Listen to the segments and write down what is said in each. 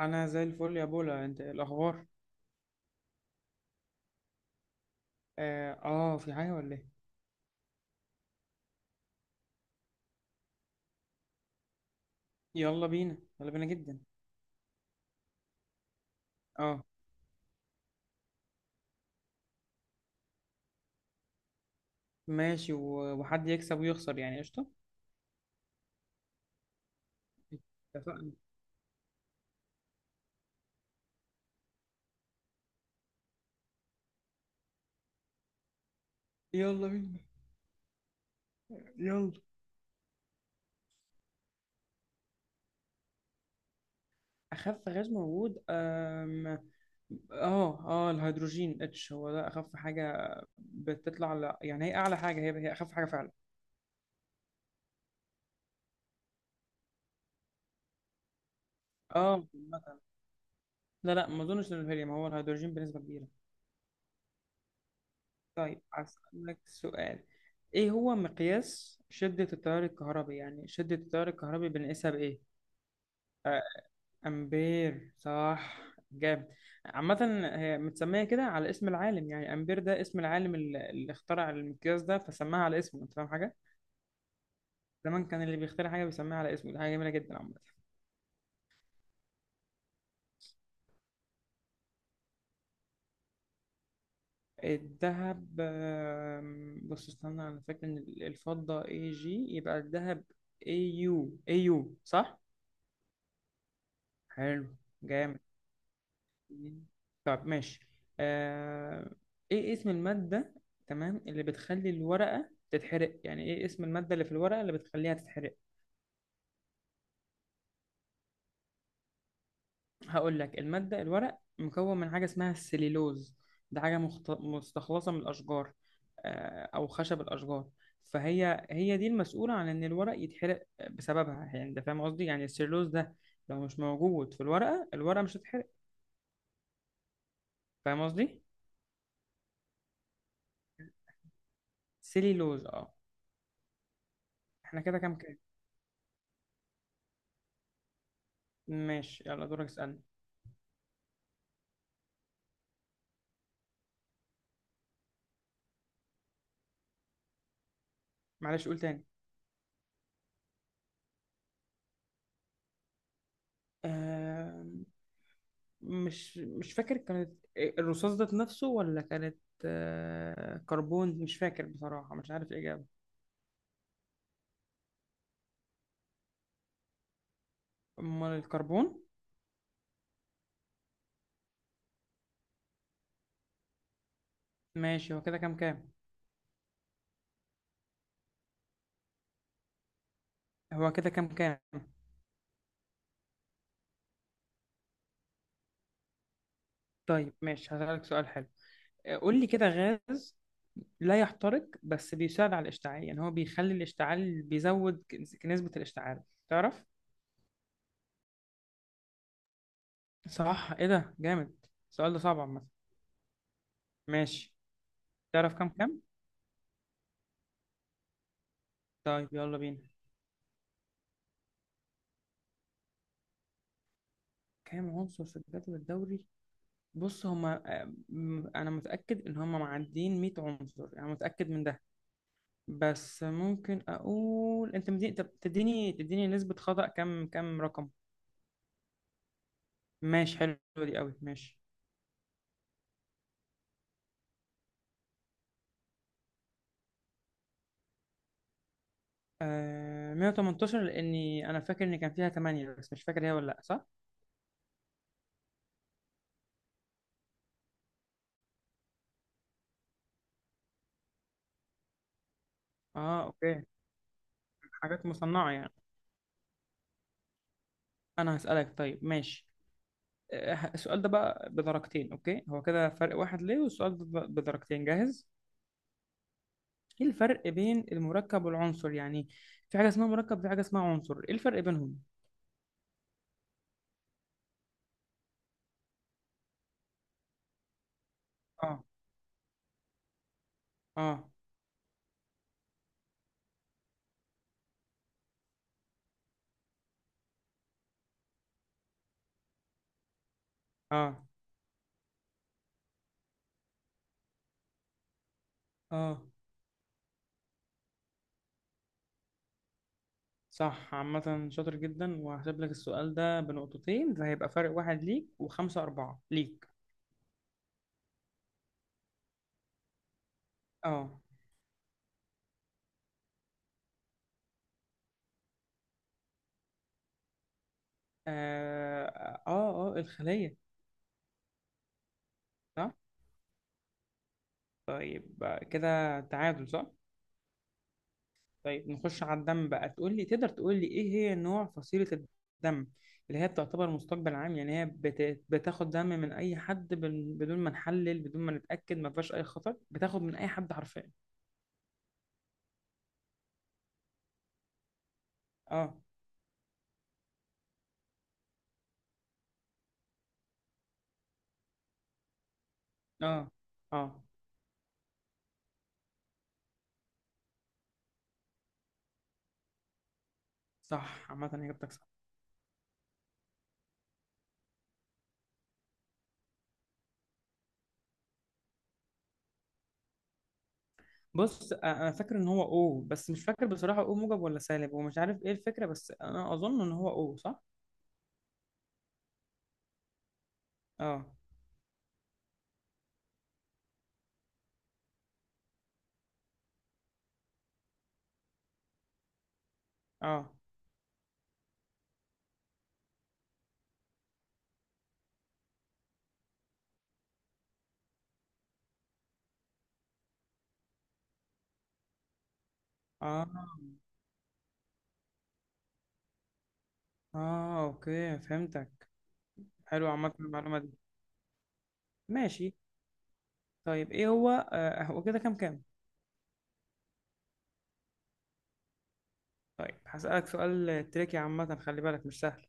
انا زي الفل يا بولا، انت إيه الاخبار؟ اه، في حاجه ولا ايه؟ يلا بينا، يلا بينا جدا. اه، ماشي. وحد يكسب ويخسر، يعني قشطه. اتفقنا. يلا بينا، يلا. اخف غاز موجود؟ اه، اه، الهيدروجين H هو ده اخف حاجه. بتطلع على، يعني هي اعلى حاجه، هي اخف حاجه فعلا. اه، مثلا. لا، لا، ما اظنش ان الهيليوم هو الهيدروجين بنسبه كبيره. طيب هسألك سؤال. ايه هو مقياس شدة التيار الكهربي؟ يعني شدة التيار الكهربي بنقيسها بإيه؟ آه، أمبير صح. جامد. عامة. هي متسمية كده على اسم العالم، يعني أمبير ده اسم العالم اللي اخترع المقياس ده، فسماها على اسمه. أنت فاهم حاجة؟ زمان كان اللي بيخترع حاجة بيسميها على اسمه، دي حاجة جميلة جدا عامة. الذهب، بص استنى، أنا فاكر إن الفضة Ag، يبقى الذهب Au، Au، صح؟ حلو. جامد. مم. طب ماشي. آه... ايه اسم المادة، تمام، اللي بتخلي الورقة تتحرق، يعني ايه اسم المادة اللي في الورقة اللي بتخليها تتحرق؟ هقول لك، المادة، الورق مكون من حاجة اسمها السليلوز. ده حاجة مستخلصة من الأشجار. أو خشب الأشجار. فهي دي المسؤولة عن إن الورق يتحرق بسببها، يعني أنت فاهم قصدي؟ يعني السليلوز ده، لو مش موجود في الورقة، الورقة مش هتتحرق. فاهم قصدي؟ سليلوز، اه. احنا كده كام كام؟ ماشي، يلا، دورك، اسألني. معلش، قول تاني. آه مش فاكر كانت، الرصاص ده نفسه ولا كانت، كربون، مش فاكر بصراحة، مش عارف الإجابة. أمال الكربون. ماشي، هو كده كام كام؟ هو كده كام كام؟ طيب ماشي، هسألك سؤال حلو. قول لي كده، غاز لا يحترق بس بيساعد على الاشتعال، يعني هو بيخلي الاشتعال، بيزود نسبة الاشتعال. تعرف؟ صح، ايه ده جامد. السؤال ده صعب عامة. ماشي. تعرف كام كام؟ طيب يلا بينا. كام عنصر في الجدول الدوري؟ بص هما، انا متاكد ان هما معديين 100 عنصر، انا متاكد من ده. بس ممكن اقول انت طب تديني نسبه خطا كام كام رقم. ماشي، حلوه. دي قوي، ماشي. 118، لاني انا فاكر ان كان فيها 8، بس مش فاكر هي ولا لا، صح. اه، اوكي. حاجات مصنعه يعني. انا هسالك، طيب ماشي. السؤال ده بقى بدرجتين، اوكي، هو كده فرق واحد ليه، والسؤال ده بدرجتين، جاهز؟ ايه الفرق بين المركب والعنصر يعني؟ في حاجة اسمها مركب، وفي حاجة اسمها عنصر، ايه الفرق بينهم؟ اه، اه، اه، اه، صح، عامة شاطر جدا، وهحسب لك السؤال ده بنقطتين، فهيبقى فرق واحد ليك، وخمسة أربعة ليك. اه، اه، اه، الخلية. صح. طيب، كده تعادل، صح. طيب نخش على الدم بقى. تقول لي تقدر تقول لي ايه هي نوع فصيلة الدم، اللي هي بتعتبر مستقبل عام، يعني هي بتاخد دم من اي حد، بدون ما نحلل، بدون ما نتأكد ما فيهاش اي خطر، بتاخد من اي حد حرفيا؟ اه، اه، اه، صح، عامة اجابتك صح. بص، انا فاكر ان هو او، بس مش فاكر بصراحة او موجب ولا سالب، ومش عارف ايه الفكرة، بس انا اظن ان هو او، صح. اه، اه، اه، اه، اوكي فهمتك. حلو، عامة المعلومة دي. ماشي. طيب، ايه هو آه، هو كده كام كام؟ طيب هسألك سؤال تريكي، عامة خلي بالك مش سهل.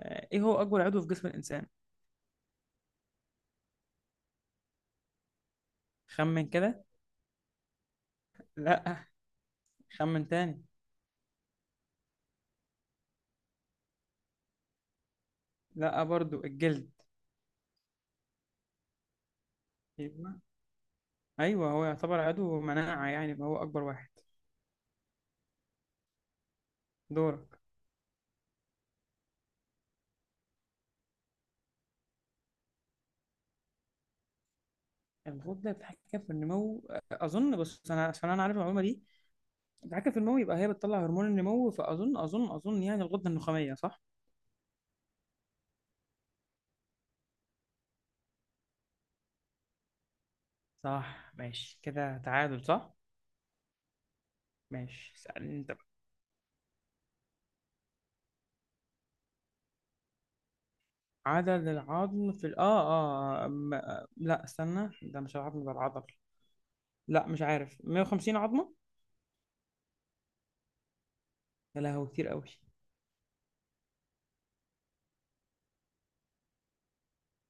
ايه هو اكبر عضو في جسم الانسان؟ خمن كده. لا. خمن تاني. لا، برضو. الجلد. ايوه، ايوه، هو يعتبر عضو مناعة يعني، فهو اكبر واحد. دورك. الغدة بتتحكم في النمو، اظن. بص انا، عشان انا عارف المعلومة دي. بتتحكم في النمو يبقى هي بتطلع هرمون النمو، فاظن اظن اظن يعني الغدة النخامية، صح. صح، ماشي، كده تعادل، صح. ماشي، اسألني انت. عضل العظم في ال... اه اه آه، م... آه، لا، استنى، ده مش العظم ده العضل. لا، مش عارف، 150 عظمة. يا لهوي، كتير قوي.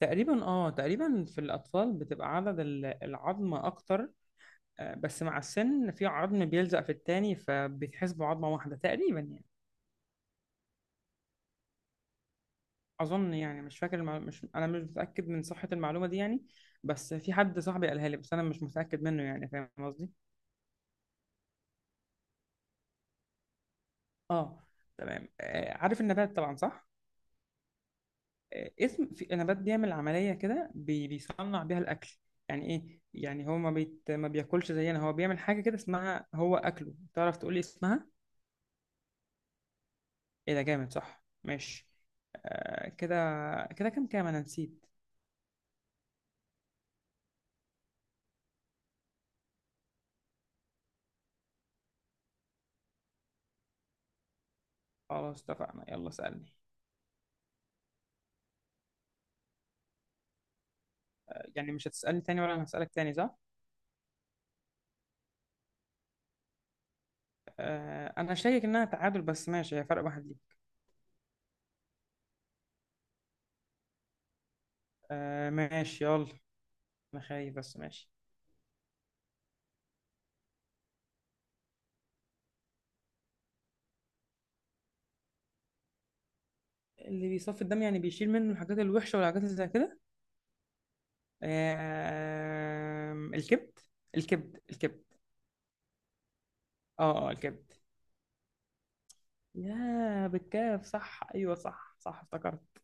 تقريبا في الأطفال بتبقى عدد العظم أكتر. بس مع السن في عظم بيلزق في التاني، فبيتحسبوا عظمة واحدة تقريبا يعني. أظن يعني مش فاكر المعلومة. مش أنا مش متأكد من صحة المعلومة دي يعني. بس في حد، صاحبي، قالها لي، بس أنا مش متأكد منه يعني، فاهم قصدي؟ اه. تمام. عارف النبات طبعا، صح؟ اسم في نبات بيعمل عملية كده بيصنع بيها الأكل. يعني إيه؟ يعني هو ما بياكلش زينا، هو بيعمل حاجة كده اسمها، هو أكله، تعرف تقولي اسمها؟ إيه ده جامد، صح، ماشي. آه كده. كده كام كام، أنا نسيت. خلاص اتفقنا، يلا سألني. يعني مش هتسألني تاني ولا أنا هسألك تاني، صح؟ أنا شاكك إنها تعادل بس ماشي، هي فرق واحد ليك. ماشي يلا. أنا خايف، بس ماشي. اللي بيصفي الدم، يعني بيشيل منه الحاجات الوحشة والحاجات اللي زي كده. الكبد. الكبد، الكبد. اه، اه، الكبد. يا بالكاف، صح، ايوه، صح، صح افتكرت.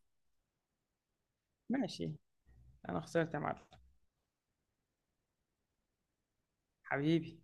ماشي. انا خسرت يا معلم. حبيبي.